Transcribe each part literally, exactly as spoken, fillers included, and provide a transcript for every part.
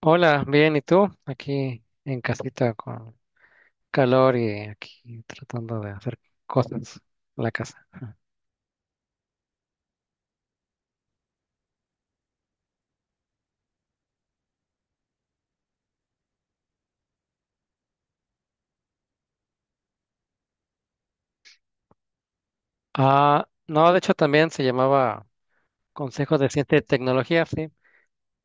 Hola, bien, ¿y tú? Aquí en casita con calor y aquí tratando de hacer cosas en la casa. Ah, no, de hecho también se llamaba Consejo de Ciencia y Tecnología, sí,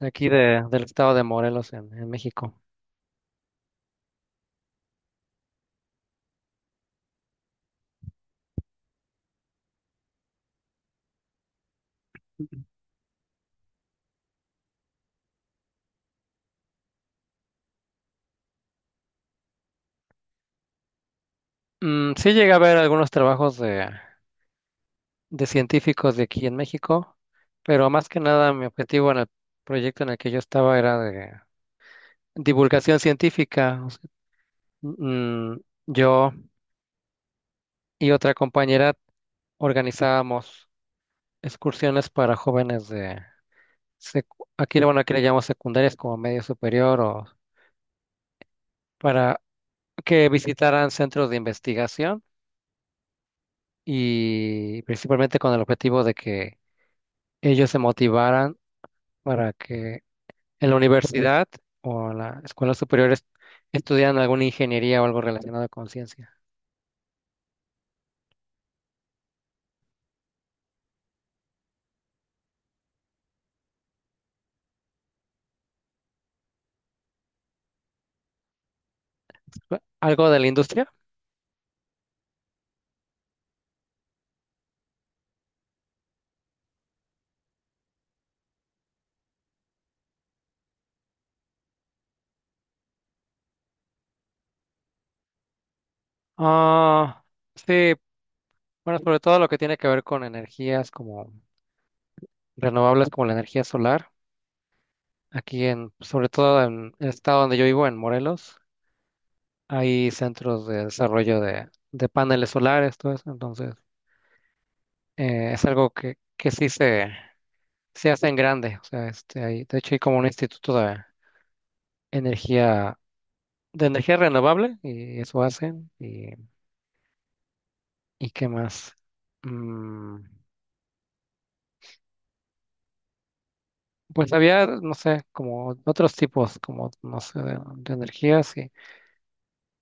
de aquí de, del estado de Morelos en, en México. Mm, sí llegué a ver algunos trabajos de, de científicos de aquí en México, pero más que nada mi objetivo en el proyecto en el que yo estaba era de divulgación científica. O sea, mm, yo y otra compañera organizábamos excursiones para jóvenes de secu- aquí, bueno, aquí le llamamos secundarias como medio superior o para que visitaran centros de investigación y principalmente con el objetivo de que ellos se motivaran para que en la universidad o en la escuela superior est- estudiaran alguna ingeniería o algo relacionado con ciencia. ¿Algo de la industria? Ah, sí, bueno, sobre todo lo que tiene que ver con energías como renovables, como la energía solar. Aquí en, sobre todo en el estado donde yo vivo, en Morelos, hay centros de desarrollo de, de paneles solares, todo eso. Entonces, eh, es algo que, que sí se, se hacen grandes. O sea, este, hay, de hecho hay como un instituto de energía, de energía renovable y eso hacen. ¿Y, y qué más? Mm, pues había, no sé, como otros tipos, como, no sé, de, de energías. Y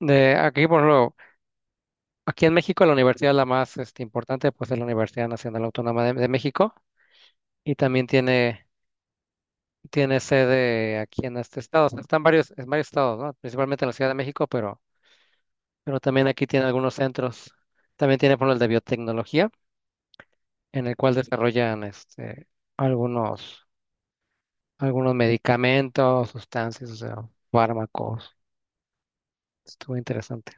de aquí, por ejemplo, aquí en México la universidad la más este, importante, pues es la Universidad Nacional Autónoma de, de México y también tiene... Tiene sede aquí en este estado. O sea, están varios, en varios estados, ¿no? Principalmente en la Ciudad de México, pero pero también aquí tiene algunos centros. También tiene por el de biotecnología, en el cual desarrollan este, algunos, algunos medicamentos, sustancias, o sea, fármacos. Estuvo interesante.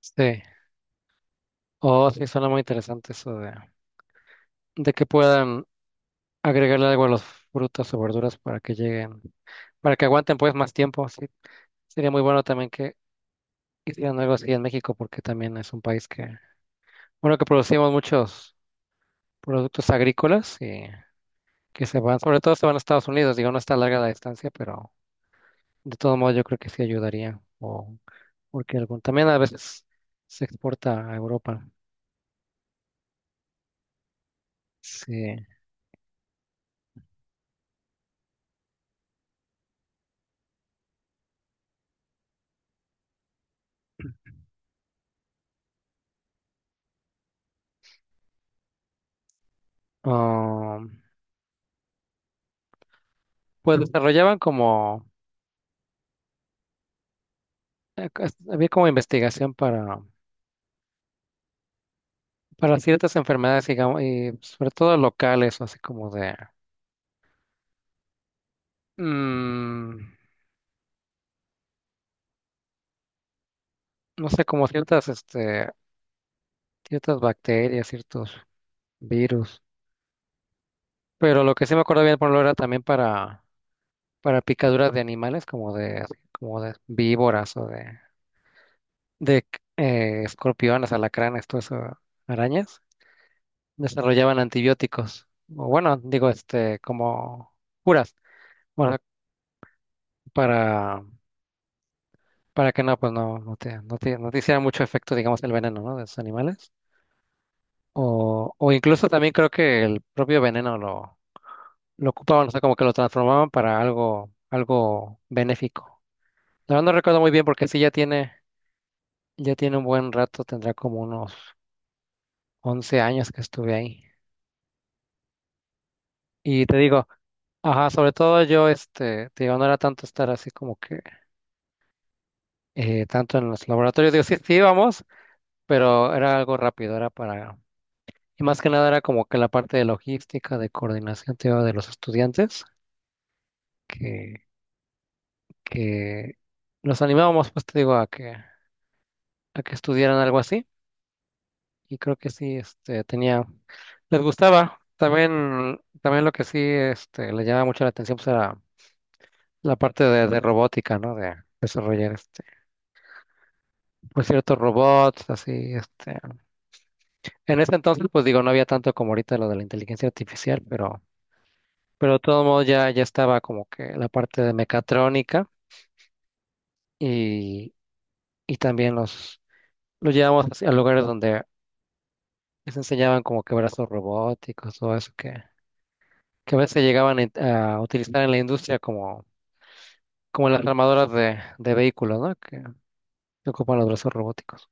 Sí. Oh, sí, suena muy interesante eso de, de que puedan agregarle algo a los frutas o verduras para que lleguen, para que aguanten pues más tiempo. Sí. Sería muy bueno también que hicieran algo así en México, porque también es un país que, bueno, que producimos muchos productos agrícolas y que se van, sobre todo se van a Estados Unidos, digo, no está larga la distancia, pero de todo modo yo creo que sí ayudaría, o porque algún, también a veces se exporta a Europa. Sí. Ah, pues desarrollaban como, eh, cos- había como investigación para, para ciertas enfermedades, digamos, y sobre todo locales, o así como de, mm, no sé, como ciertas, este, ciertas bacterias, ciertos virus. Pero lo que sí me acuerdo bien, por lo era también para Para picaduras de animales como de, como de víboras o de, de eh, escorpiones, alacranes, todo eso, arañas, desarrollaban antibióticos. O bueno, digo, este, como curas. Bueno, para, para que no, pues no, no te, no te, no te hiciera mucho efecto, digamos, el veneno, ¿no? De esos animales. O, o incluso también creo que el propio veneno lo, lo ocupaban, o sea, como que lo transformaban para algo, algo benéfico. La verdad no recuerdo muy bien porque sí ya tiene. Ya tiene un buen rato, tendrá como unos once años que estuve ahí. Y te digo, ajá, sobre todo yo, este, te digo, no era tanto estar así como que eh, tanto en los laboratorios. Digo, sí, sí íbamos, pero era algo rápido, era para... Y más que nada era como que la parte de logística, de coordinación, te digo, de los estudiantes, que, que los animábamos, pues te digo, a que, a que estudiaran algo así. Y creo que sí, este, tenía, les gustaba. También, también lo que sí, este, les llamaba mucho la atención, pues era la parte de, de robótica, ¿no? De desarrollar, este, pues ciertos robots, así, este. En ese entonces, pues digo, no había tanto como ahorita lo de la inteligencia artificial, pero, pero de todo modo ya, ya estaba como que la parte de mecatrónica y, y también los, los llevamos así a lugares donde les enseñaban como que brazos robóticos, todo eso que que a veces llegaban en- a utilizar en la industria como, como las armadoras de, de vehículos, ¿no? Que, que ocupan los brazos robóticos.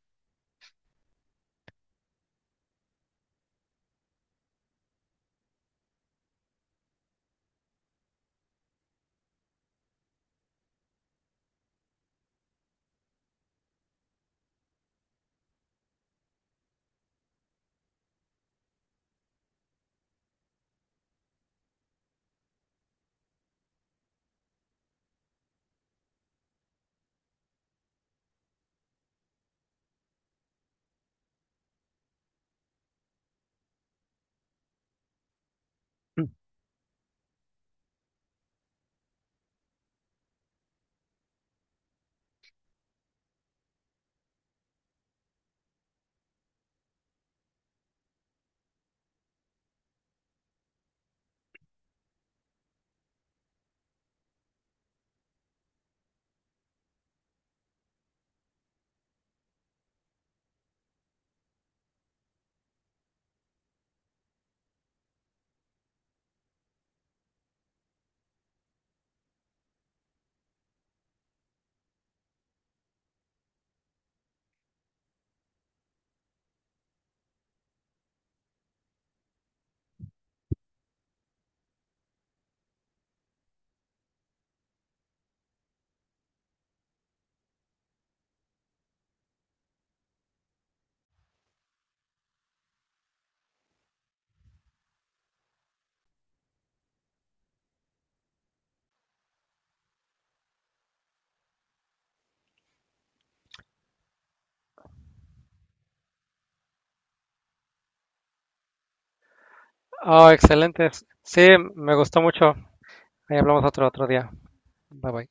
Mm. Oh, excelentes. Sí, me gustó mucho. Ahí hablamos otro otro día. Bye bye.